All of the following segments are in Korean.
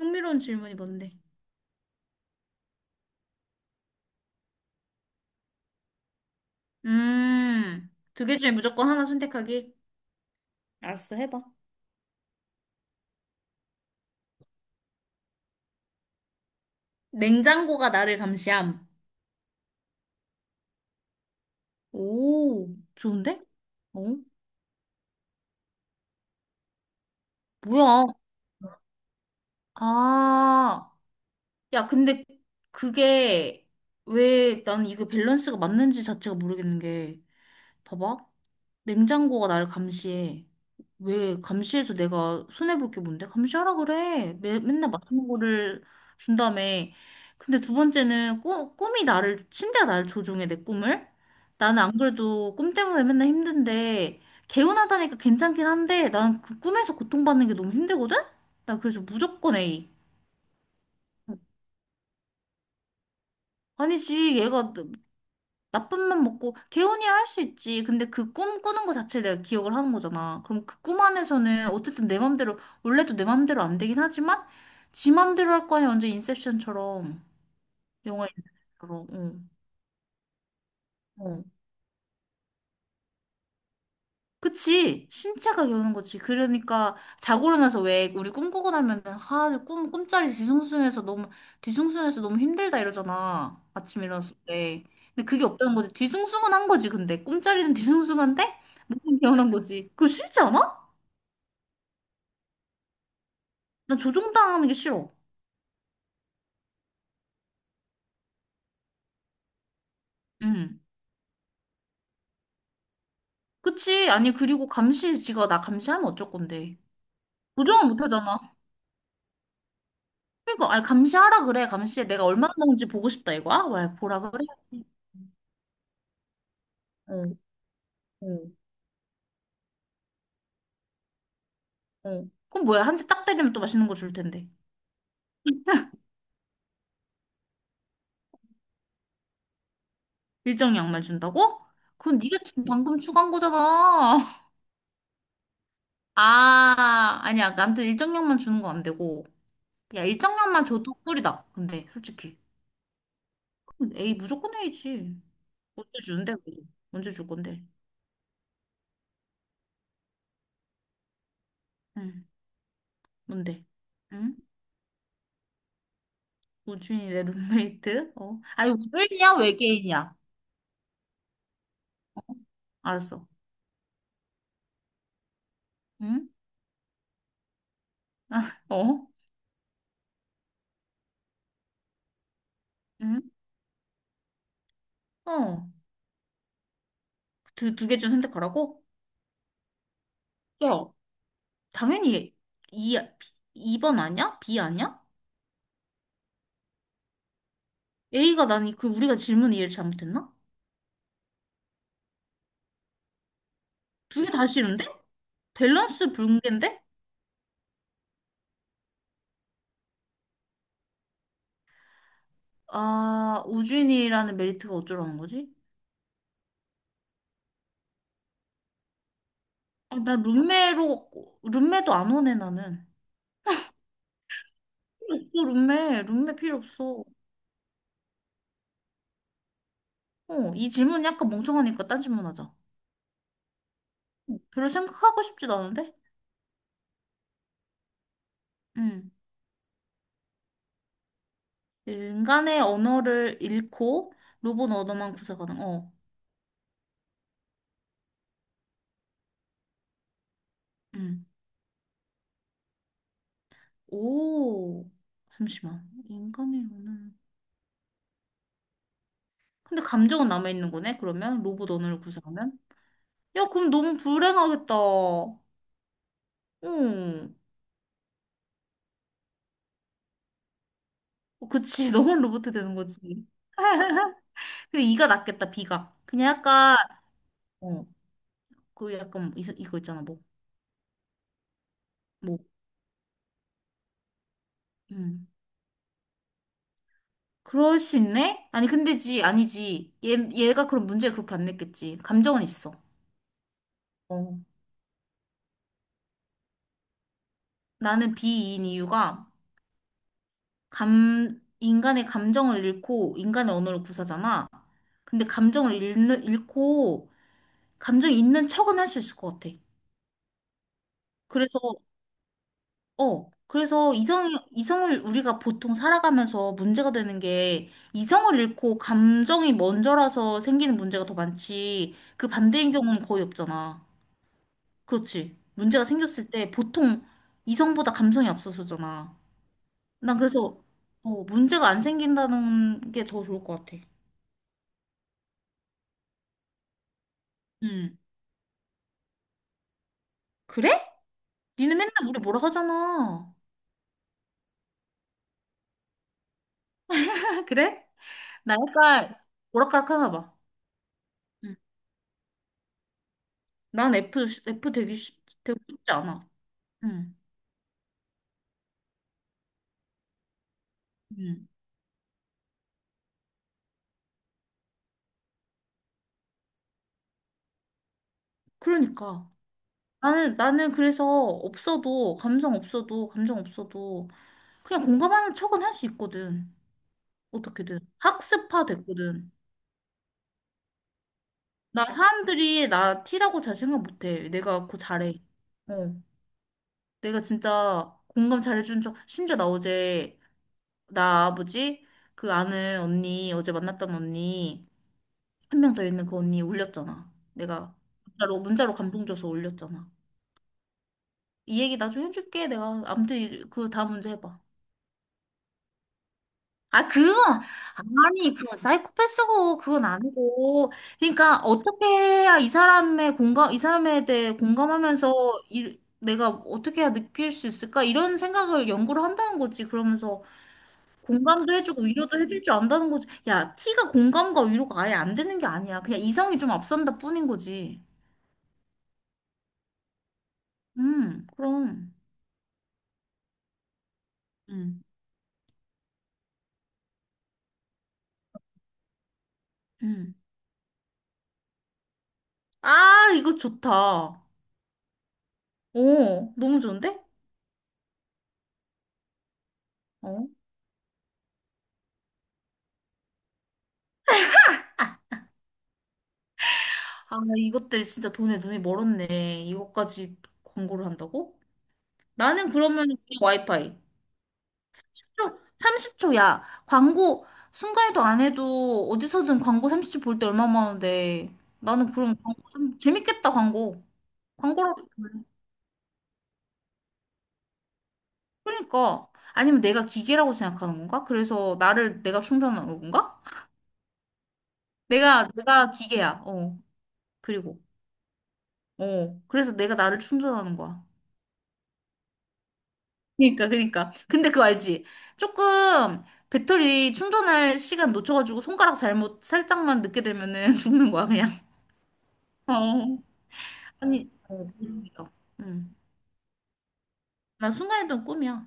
흥미로운 질문이 뭔데? 두 개 중에 무조건 하나 선택하기? 알았어, 해봐. 냉장고가 나를 감시함. 오, 좋은데? 어? 뭐야? 아, 야, 근데 그게 왜 난 이거 밸런스가 맞는지 자체가 모르겠는 게, 봐봐. 냉장고가 나를 감시해. 왜 감시해서 내가 손해볼 게 뭔데? 감시하라 그래. 맨날 맛있는 거를 준다며. 근데 두 번째는 꿈이 나를, 침대가 나를 조종해, 내 꿈을. 나는 안 그래도 꿈 때문에 맨날 힘든데, 개운하다니까 괜찮긴 한데, 난 그 꿈에서 고통받는 게 너무 힘들거든? 나 그래서 무조건 A. 아니지, 얘가 나쁜맘 먹고 개운이야 할 수 있지. 근데 그 꿈 꾸는 거 자체를 내가 기억을 하는 거잖아. 그럼 그 꿈 안에서는 어쨌든 내 맘대로 원래도 내 맘대로 안 되긴 하지만 지 맘대로 할 거 아니야. 완전 인셉션처럼 영화 인셉션처럼. 응. 어. 그치. 신체가 개우는 거지. 그러니까 자고 일어나서 왜 우리 꿈꾸고 나면은 아, 꿈 꿈자리 뒤숭숭해서 너무 뒤숭숭해서 너무 힘들다 이러잖아. 아침 일어났을 때. 근데 그게 없다는 거지. 뒤숭숭은 한 거지. 근데 꿈자리는 뒤숭숭한데 개운한 거지. 그거 싫지 않아? 나 조종당하는 게 싫어. 응. 그치? 아니, 그리고 감시지가 나 감시하면 어쩔 건데. 조종을 못 하잖아. 그러니까, 아니, 감시하라 그래. 감시해. 내가 얼마나 먹는지 보고 싶다, 이거야? 왜, 보라 그래? 어, 어, 어. 그럼 뭐야? 한 대 딱 때리면 또 맛있는 거 줄 텐데. 일정 양말 준다고? 그건 네가 지금 방금 추가한 거잖아. 아, 아니야. 아무튼 일정 양만 주는 건 안 되고. 야, 일정 양만 줘도 꿀이다. 근데, 솔직히. 그럼 A, 무조건 A지. 언제 주는데, 그거? 언제 줄 건데? 응. 뭔데? 응? 우주인이 내 룸메이트? 어? 아니, 주인이야 외계인이야? 알았어. 응? 아, 어? 응? 어. 두 개 중 선택하라고? 야 당연히 B, 2번 아니야? B 아니야? A가 나니, 그, 우리가 질문 이해를 잘못했나? 두 개 다 싫은데? 밸런스 붕괴인데? 아, 우주인이라는 메리트가 어쩌라는 거지? 아, 나 룸메로, 룸메도 안 오네, 나는. 필요 없어, 룸메. 룸메 필요 없어. 어, 이 질문 약간 멍청하니까 딴 질문 하자. 별로 생각하고 싶지도 않은데? 응. 인간의 언어를 잃고 로봇 언어만 구사가능. 어. 응. 오. 잠시만. 인간의 언어를. 근데 감정은 남아있는 거네? 그러면? 로봇 언어를 구사하면? 야, 그럼 너무 불행하겠다. 응. 그치. 너만 로봇 되는 거지. 근데 이가 낫겠다, 비가. 그냥 약간, 어. 그 약간, 이, 이거 있잖아, 뭐. 뭐. 응. 그럴 수 있네? 아니, 근데지, 아니지. 얘가 그럼 문제 그렇게 안 냈겠지. 감정은 있어. 어, 나는 B인 이유가, 인간의 감정을 잃고, 인간의 언어를 구사잖아. 근데 감정을 잃고, 감정이 있는 척은 할 수 있을 것 같아. 그래서, 어, 그래서 이성을 우리가 보통 살아가면서 문제가 되는 게, 이성을 잃고 감정이 먼저라서 생기는 문제가 더 많지, 그 반대인 경우는 거의 없잖아. 그렇지. 문제가 생겼을 때 보통 이성보다 감성이 앞서서잖아. 난 그래서 어, 문제가 안 생긴다는 게 더 좋을 것 같아. 음. 그래? 니는 맨날 우리 뭐라 하잖아. 그래? 나 약간 오락가락 하나 봐. 응. 난 F, F 되기, 되고 싶지 않아. 응. 응. 그러니까. 나는 그래서 없어도, 감성 없어도, 감정 없어도, 그냥 공감하는 척은 할 수 있거든. 어떻게든. 학습화 됐거든. 나 사람들이 나 T라고 잘 생각 못해. 내가 그거 잘해. 어. 내가 진짜 공감 잘해주는 척. 심지어 나 어제, 나 아버지, 그 아는 언니, 어제 만났던 언니, 한 명 더 있는 그 언니 울렸잖아. 내가 문자로 감동 줘서 울렸잖아. 이 얘기 나중에 해줄게. 내가 아무튼 그 다음 문제 해봐. 아, 그건, 아니, 그건 사이코패스고, 그건 아니고. 그러니까, 어떻게 해야 이 사람에 대해 공감하면서, 이, 내가 어떻게 해야 느낄 수 있을까? 이런 생각을 연구를 한다는 거지. 그러면서, 공감도 해주고, 위로도 해줄 줄 안다는 거지. 야, 티가 공감과 위로가 아예 안 되는 게 아니야. 그냥 이성이 좀 앞선다 뿐인 거지. 그럼. 음, 음. 아, 이거 좋다. 오, 너무 좋은데? 어. 아, 이것들 진짜 돈에 눈이 멀었네. 이것까지 광고를 한다고? 나는 그러면 그냥 와이파이. 30초야. 광고 순간에도 안 해도 어디서든 광고 30초 볼 때 얼마 많은데. 나는 그럼 광고 좀 재밌겠다, 광고. 광고라고. 면 그러니까. 아니면 내가 기계라고 생각하는 건가? 그래서 나를 내가 충전하는 건가? 내가 기계야. 어. 그리고. 어. 그래서 내가 나를 충전하는 거야. 그니까. 근데 그거 알지? 조금 배터리 충전할 시간 놓쳐가지고 손가락 잘못 살짝만 늦게 되면은 죽는 거야, 그냥. 어. 아니, 어, 모르겠어. 응. 난 순간이동 꿈이야.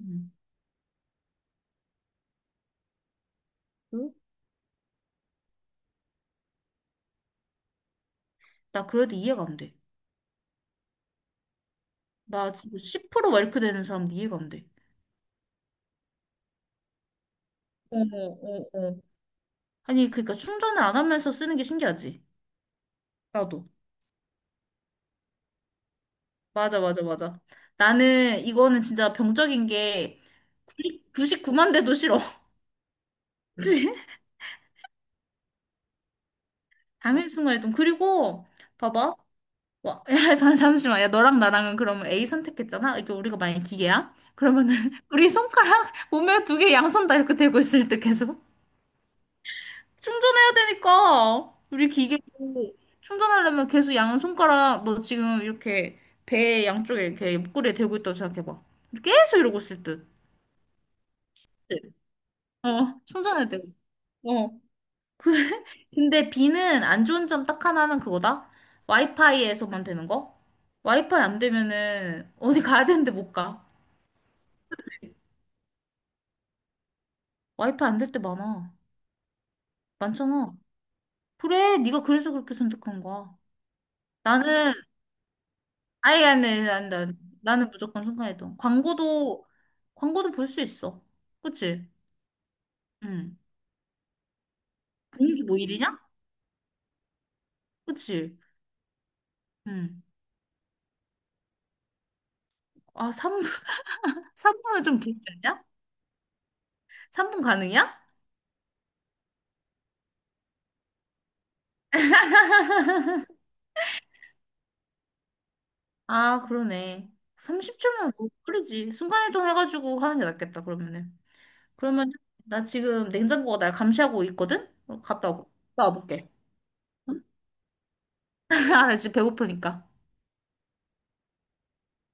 응. 응? 나 그래도 이해가 안 돼. 나 진짜 10%막 이렇게 되는 사람도 이해가 안 돼. 어, 어, 어. 아니, 그러니까 충전을 안 하면서 쓰는 게 신기하지? 나도. 맞아, 맞아, 맞아. 나는 이거는 진짜 병적인 게 99만 대도 싫어. 당일 순간이동. 그리고 봐봐. 와, 야, 잠시만. 야, 너랑 나랑은 그러면 A 선택했잖아. 이게 우리가 만약에 기계야? 그러면은 우리 손가락 보면 두 개 양손 다 이렇게 들고 있을 때 계속 충전해야 되니까 우리 기계도 충전하려면 계속 양손가락 너 지금 이렇게 배 양쪽에 이렇게 옆구리에 대고 있다고 생각해봐. 계속 이러고 있을 듯. 어, 충전해야 돼. 어. 그 근데 비는 안 좋은 점 딱 하나는 그거다. 와이파이에서만 되는 거? 와이파이 안 되면은 어디 가야 되는데 못 가. 와이파이 안 될 때 많아. 많잖아. 그래, 네가 그래서 그렇게 선택한 거야. 나는 아, 아니, 아니, 아니, 아니. 나는 무조건 순간이동. 광고도 볼 수 있어. 그치? 응. 보는 게뭐 일이냐? 그치? 응. 아, 3분은 좀 길지 않냐? 3분 가능이야? 아, 그러네. 30초면 너무 빠르지. 순간이동 해가지고 하는 게 낫겠다, 그러면은. 그러면 나 지금 냉장고가 날 감시하고 있거든? 어, 갔다 오고. 나와볼게. 아, 나 지금 배고프니까.